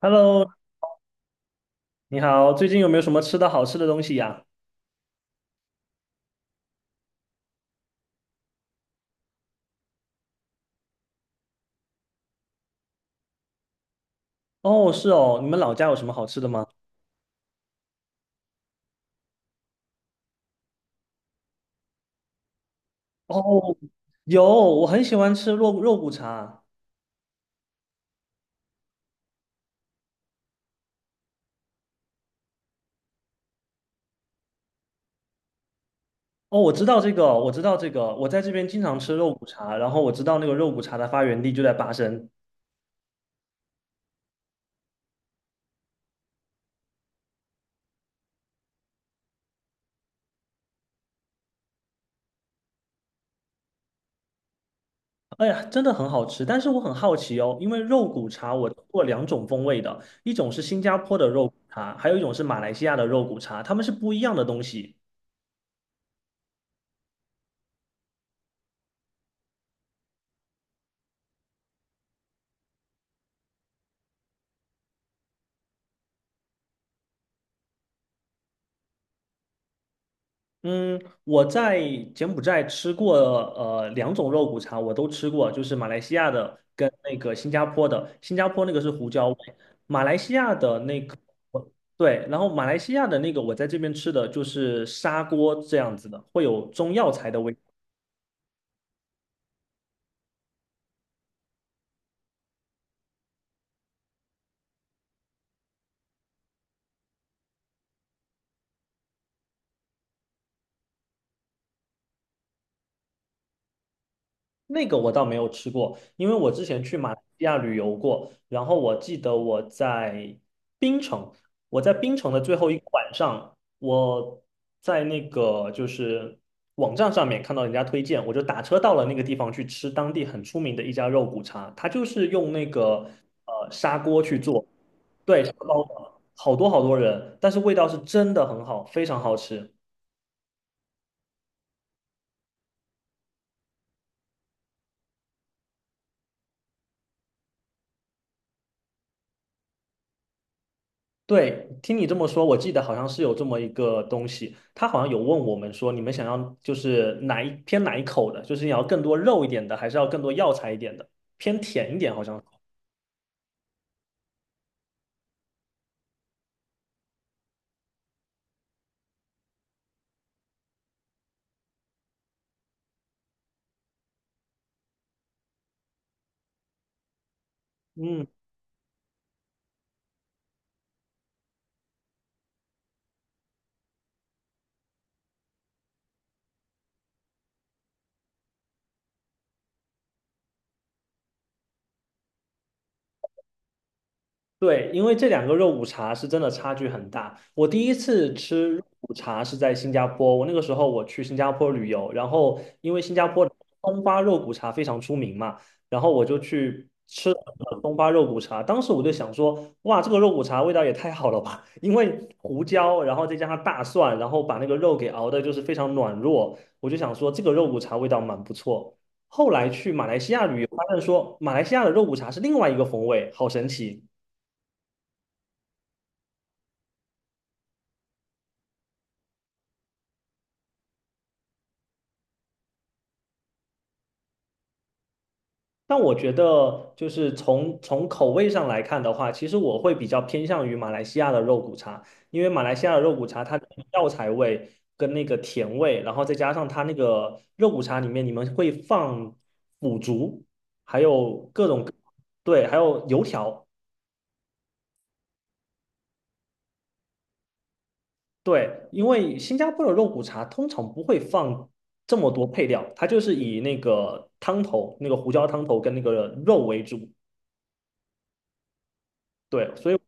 Hello，你好，最近有没有什么吃的好吃的东西呀？哦，是哦，你们老家有什么好吃的吗？哦，有，我很喜欢吃肉骨茶。哦，我知道这个，我知道这个，我在这边经常吃肉骨茶，然后我知道那个肉骨茶的发源地就在巴生。哎呀，真的很好吃，但是我很好奇哦，因为肉骨茶我吃过两种风味的，一种是新加坡的肉骨茶，还有一种是马来西亚的肉骨茶，它们是不一样的东西。嗯，我在柬埔寨吃过两种肉骨茶，我都吃过，就是马来西亚的跟那个新加坡的。新加坡那个是胡椒味，马来西亚的那个我对，然后马来西亚的那个我在这边吃的就是砂锅这样子的，会有中药材的味。那个我倒没有吃过，因为我之前去马来西亚旅游过，然后我记得我在槟城，我在槟城的最后一个晚上，我在那个就是网站上面看到人家推荐，我就打车到了那个地方去吃当地很出名的一家肉骨茶，它就是用那个砂锅去做，对，砂锅包的，好多好多人，但是味道是真的很好，非常好吃。对，听你这么说，我记得好像是有这么一个东西，他好像有问我们说，你们想要就是哪一偏哪一口的，就是你要更多肉一点的，还是要更多药材一点的，偏甜一点好像。嗯。对，因为这两个肉骨茶是真的差距很大。我第一次吃肉骨茶是在新加坡，我那个时候我去新加坡旅游，然后因为新加坡的松花肉骨茶非常出名嘛，然后我就去吃了东巴肉骨茶。当时我就想说，哇，这个肉骨茶味道也太好了吧！因为胡椒，然后再加上大蒜，然后把那个肉给熬的就是非常软糯，我就想说这个肉骨茶味道蛮不错。后来去马来西亚旅游，发现说马来西亚的肉骨茶是另外一个风味，好神奇。但我觉得，就是从口味上来看的话，其实我会比较偏向于马来西亚的肉骨茶，因为马来西亚的肉骨茶它的药材味跟那个甜味，然后再加上它那个肉骨茶里面你们会放腐竹，还有各种对，还有油条，对，因为新加坡的肉骨茶通常不会放这么多配料，它就是以那个汤头、那个胡椒汤头跟那个肉为主，对，所以。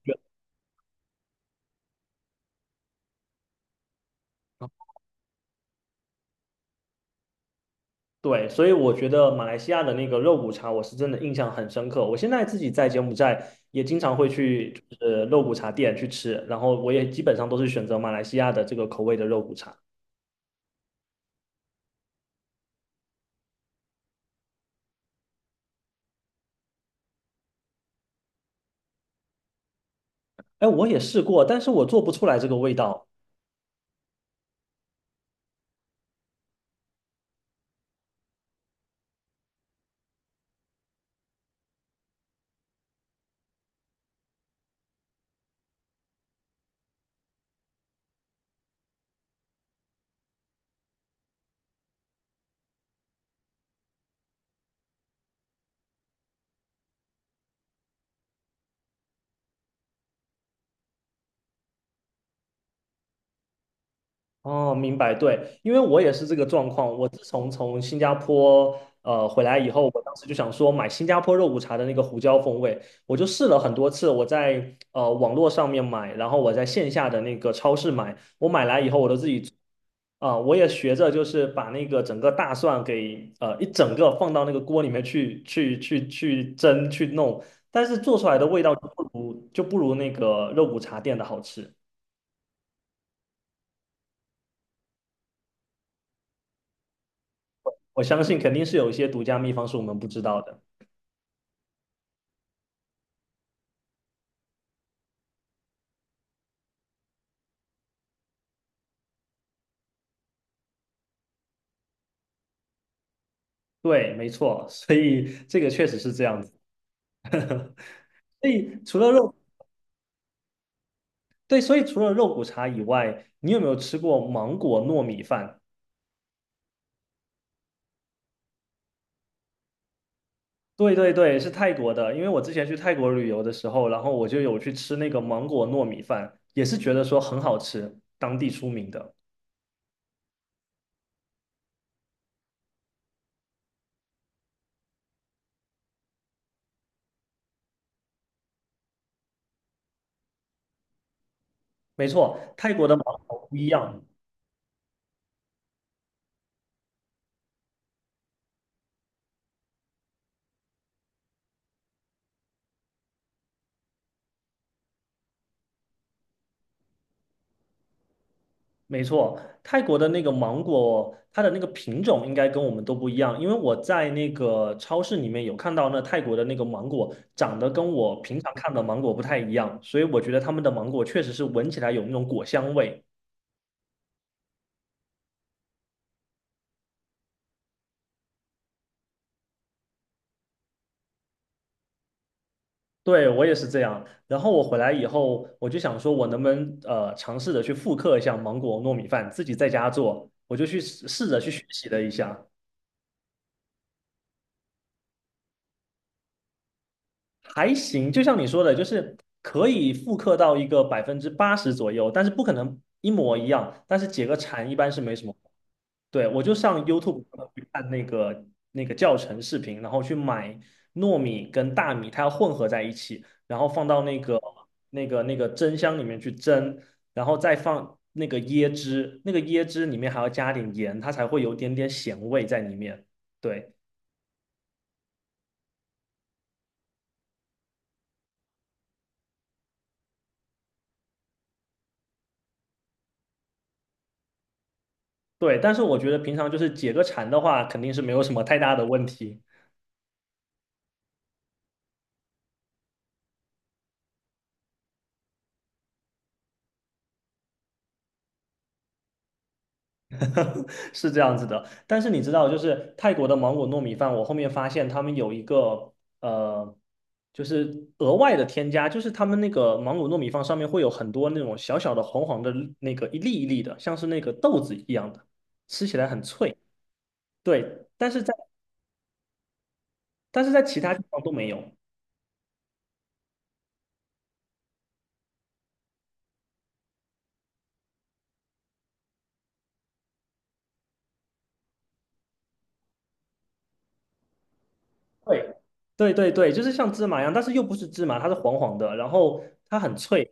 对，所以我觉得马来西亚的那个肉骨茶，我是真的印象很深刻。我现在自己在柬埔寨也经常会去，就是肉骨茶店去吃，然后我也基本上都是选择马来西亚的这个口味的肉骨茶。哎，我也试过，但是我做不出来这个味道。哦，明白，对，因为我也是这个状况。我自从从新加坡回来以后，我当时就想说买新加坡肉骨茶的那个胡椒风味，我就试了很多次。我在网络上面买，然后我在线下的那个超市买，我买来以后我都自己做啊、我也学着就是把那个整个大蒜给一整个放到那个锅里面去蒸去弄，但是做出来的味道就不如那个肉骨茶店的好吃。我相信肯定是有一些独家秘方是我们不知道的。对，没错，所以这个确实是这样子。所以除了肉，对，所以除了肉骨茶以外，你有没有吃过芒果糯米饭？对对对，是泰国的。因为我之前去泰国旅游的时候，然后我就有去吃那个芒果糯米饭，也是觉得说很好吃，当地出名的。没错，泰国的芒果不一样。没错，泰国的那个芒果，它的那个品种应该跟我们都不一样，因为我在那个超市里面有看到那泰国的那个芒果长得跟我平常看的芒果不太一样，所以我觉得他们的芒果确实是闻起来有那种果香味。对，我也是这样。然后我回来以后，我就想说，我能不能尝试着去复刻一下芒果糯米饭，自己在家做，我就去试试着去学习了一下。还行，就像你说的，就是可以复刻到一个80%左右，但是不可能一模一样。但是解个馋一般是没什么。对，我就上 YouTube 去看那个那个教程视频，然后去买糯米跟大米，它要混合在一起，然后放到那个蒸箱里面去蒸，然后再放那个椰汁，那个椰汁里面还要加点盐，它才会有点点咸味在里面。对，对，但是我觉得平常就是解个馋的话，肯定是没有什么太大的问题，是这样子的。但是你知道，就是泰国的芒果糯米饭，我后面发现他们有一个呃，就是额外的添加，就是他们那个芒果糯米饭上面会有很多那种小小的黄黄的那个一粒一粒的，像是那个豆子一样的，吃起来很脆。对，但是在其他地方都没有。对。对对对，就是像芝麻一样，但是又不是芝麻，它是黄黄的，然后它很脆，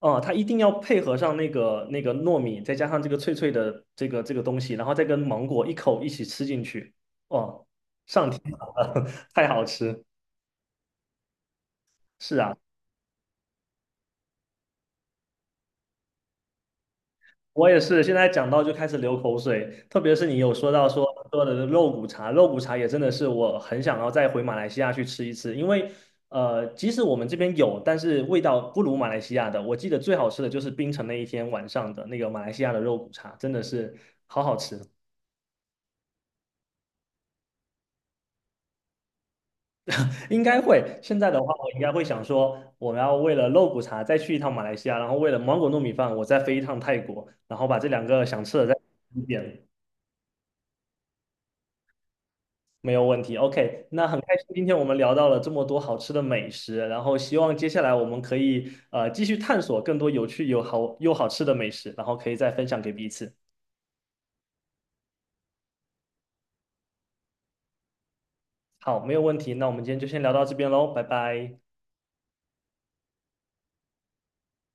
哦，它一定要配合上那个那个糯米，再加上这个脆脆的这个这个东西，然后再跟芒果一口一起吃进去，哦，上天了，太好吃！是啊，我也是，现在讲到就开始流口水，特别是你有说到说喝的肉骨茶，肉骨茶也真的是我很想要再回马来西亚去吃一次，因为即使我们这边有，但是味道不如马来西亚的。我记得最好吃的就是槟城那一天晚上的那个马来西亚的肉骨茶，真的是。应该会。现在的话，我应该会想说，我们要为了肉骨茶再去一趟马来西亚，然后为了芒果糯米饭，我再飞一趟泰国，然后把这两个想吃的再点，没有问题。OK，那很开心，今天我们聊到了这么多好吃的美食，然后希望接下来我们可以继续探索更多有趣、有好又好吃的美食，然后可以再分享给彼此。好，没有问题。那我们今天就先聊到这边喽，拜拜。